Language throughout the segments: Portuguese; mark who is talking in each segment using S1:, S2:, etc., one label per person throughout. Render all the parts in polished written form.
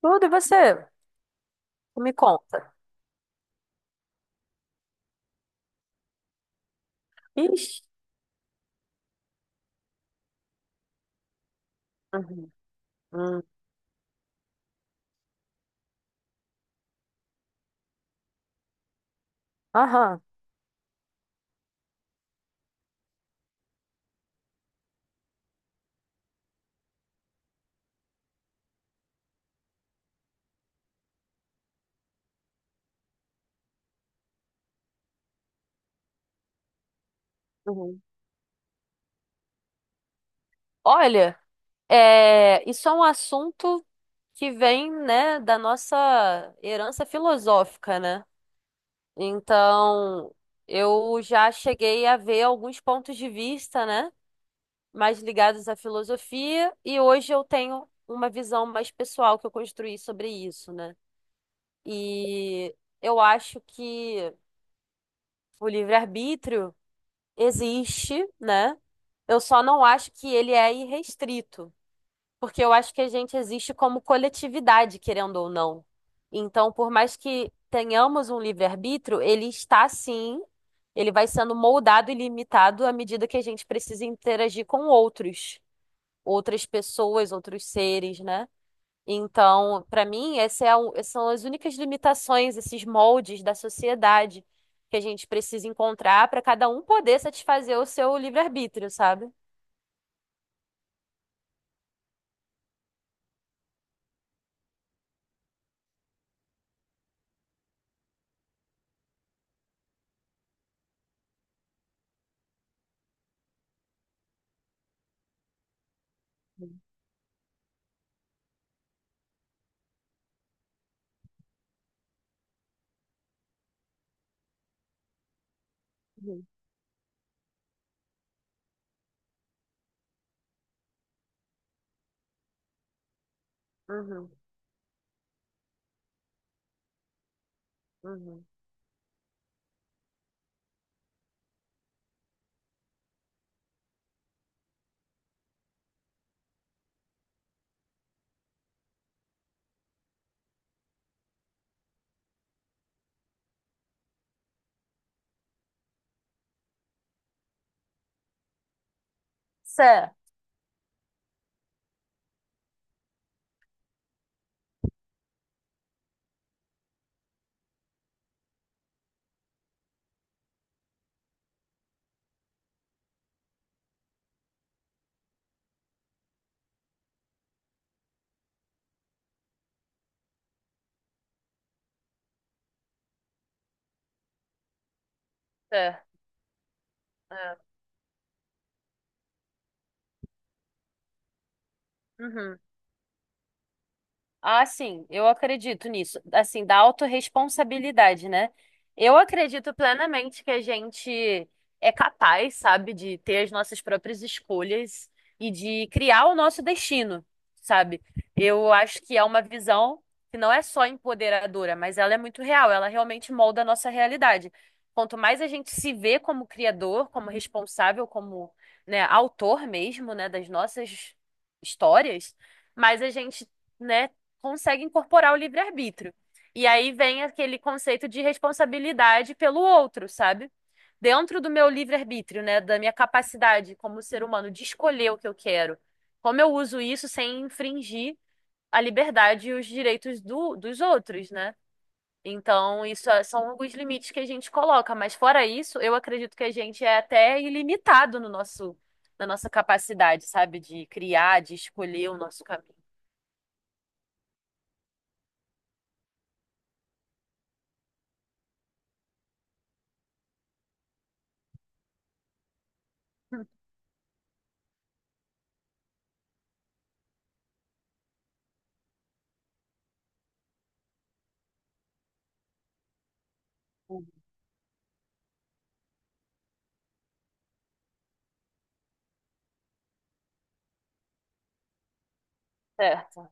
S1: Tudo, e você? Me conta. Ixi. Uhum. Uhum. Aham. Uhum. Olha, isso é um assunto que vem, né, da nossa herança filosófica, né? Então, eu já cheguei a ver alguns pontos de vista, né, mais ligados à filosofia, e hoje eu tenho uma visão mais pessoal que eu construí sobre isso, né? E eu acho que o livre-arbítrio existe, né? Eu só não acho que ele é irrestrito, porque eu acho que a gente existe como coletividade, querendo ou não. Então, por mais que tenhamos um livre-arbítrio, ele está sim, ele vai sendo moldado e limitado à medida que a gente precisa interagir com outros, outras pessoas, outros seres, né? Então, para mim, essas são as únicas limitações, esses moldes da sociedade que a gente precisa encontrar para cada um poder satisfazer o seu livre-arbítrio, sabe? Uhum, uhum, uhum. Certo. É. Uhum. Ah, sim, eu acredito nisso. Assim, da autorresponsabilidade, né? Eu acredito plenamente que a gente é capaz, sabe, de ter as nossas próprias escolhas e de criar o nosso destino, sabe? Eu acho que é uma visão que não é só empoderadora, mas ela é muito real, ela realmente molda a nossa realidade. Quanto mais a gente se vê como criador, como responsável, como, né, autor mesmo, né, das nossas histórias, mais a gente, né, consegue incorporar o livre-arbítrio. E aí vem aquele conceito de responsabilidade pelo outro, sabe? Dentro do meu livre-arbítrio, né? Da minha capacidade como ser humano de escolher o que eu quero. Como eu uso isso sem infringir a liberdade e os direitos dos outros, né? Então, são alguns limites que a gente coloca, mas fora isso, eu acredito que a gente é até ilimitado no nosso, na nossa capacidade, sabe, de criar, de escolher o nosso caminho. Certo.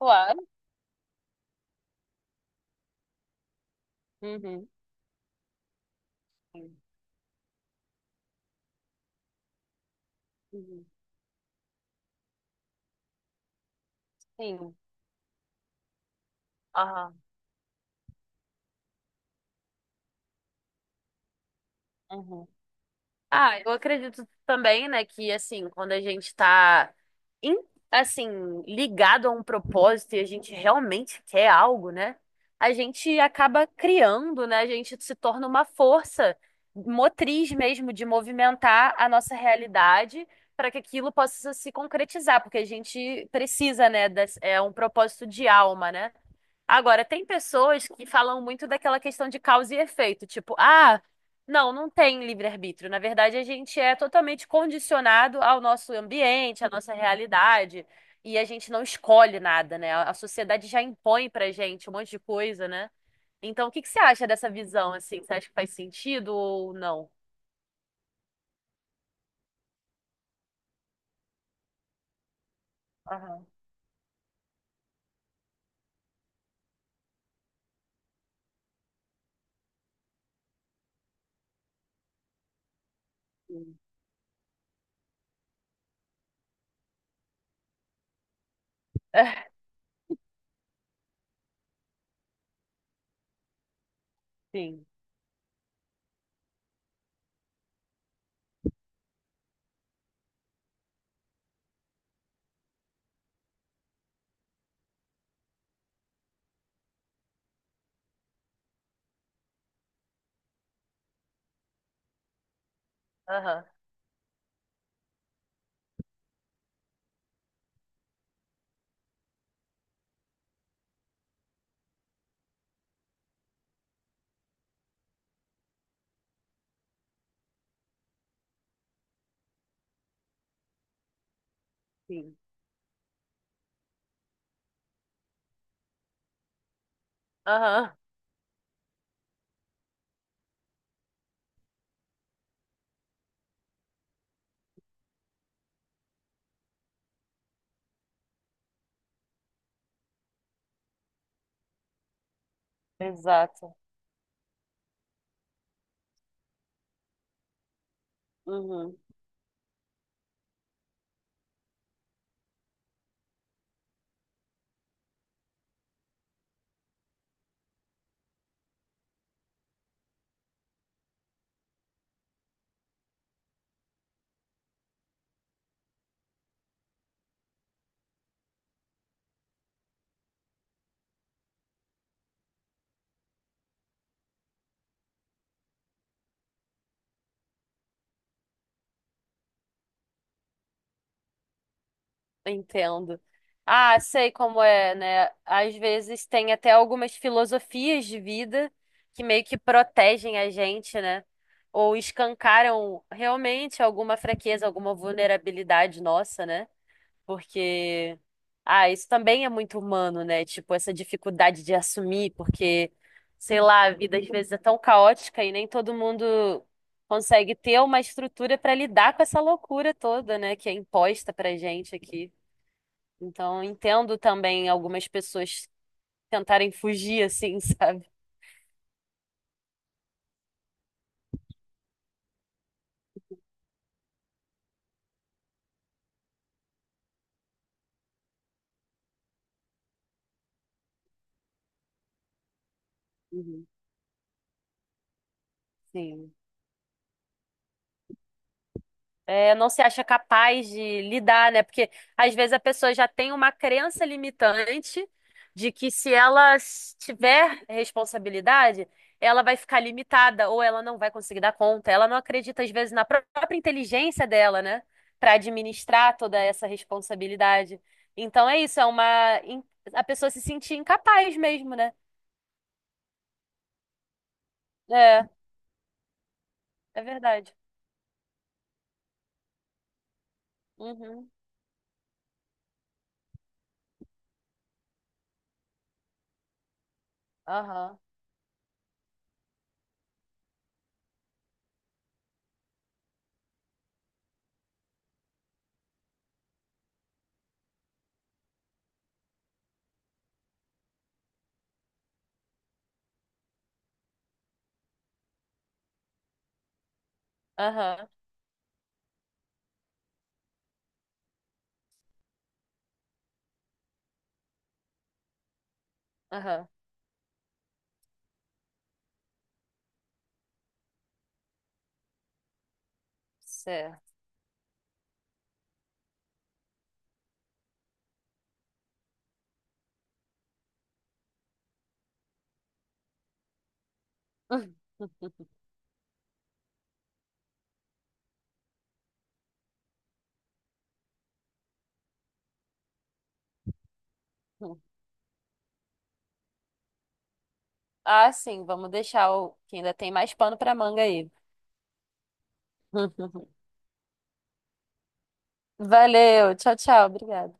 S1: Uau. Uhum. Sim. Uhum. Sim. Aham. Uhum. Ah, eu acredito também, né, que assim, quando a gente tá em- assim, ligado a um propósito e a gente realmente quer algo, né? A gente acaba criando, né? A gente se torna uma força motriz mesmo de movimentar a nossa realidade para que aquilo possa se concretizar, porque a gente precisa, né, é um propósito de alma, né? Agora, tem pessoas que falam muito daquela questão de causa e efeito, tipo, ah, não tem livre-arbítrio. Na verdade, a gente é totalmente condicionado ao nosso ambiente, à nossa realidade, e a gente não escolhe nada, né? A sociedade já impõe pra gente um monte de coisa, né? Então, o que que você acha dessa visão, assim? Você acha que faz sentido ou não? Aham, sim. Sim. Aham, sim. Aham, exato. Uhum. Entendo. Ah, sei como é, né? Às vezes tem até algumas filosofias de vida que meio que protegem a gente, né? Ou escancaram realmente alguma fraqueza, alguma vulnerabilidade nossa, né? Porque, ah, isso também é muito humano, né? Tipo, essa dificuldade de assumir, porque, sei lá, a vida às vezes é tão caótica e nem todo mundo consegue ter uma estrutura para lidar com essa loucura toda, né? Que é imposta pra gente aqui. Então, entendo também algumas pessoas tentarem fugir assim, sabe? Uhum. Sim. É, não se acha capaz de lidar, né? Porque às vezes a pessoa já tem uma crença limitante de que se ela s- tiver responsabilidade, ela vai ficar limitada ou ela não vai conseguir dar conta. Ela não acredita às vezes própria inteligência dela, né? Para administrar toda essa responsabilidade. Então é isso, a pessoa se sentir incapaz mesmo, né? É, é verdade. Uhum. Aham. Aham. Aham. Certo. Ah, sim, vamos deixar o que ainda tem mais pano para manga aí. Valeu, tchau, tchau, obrigada.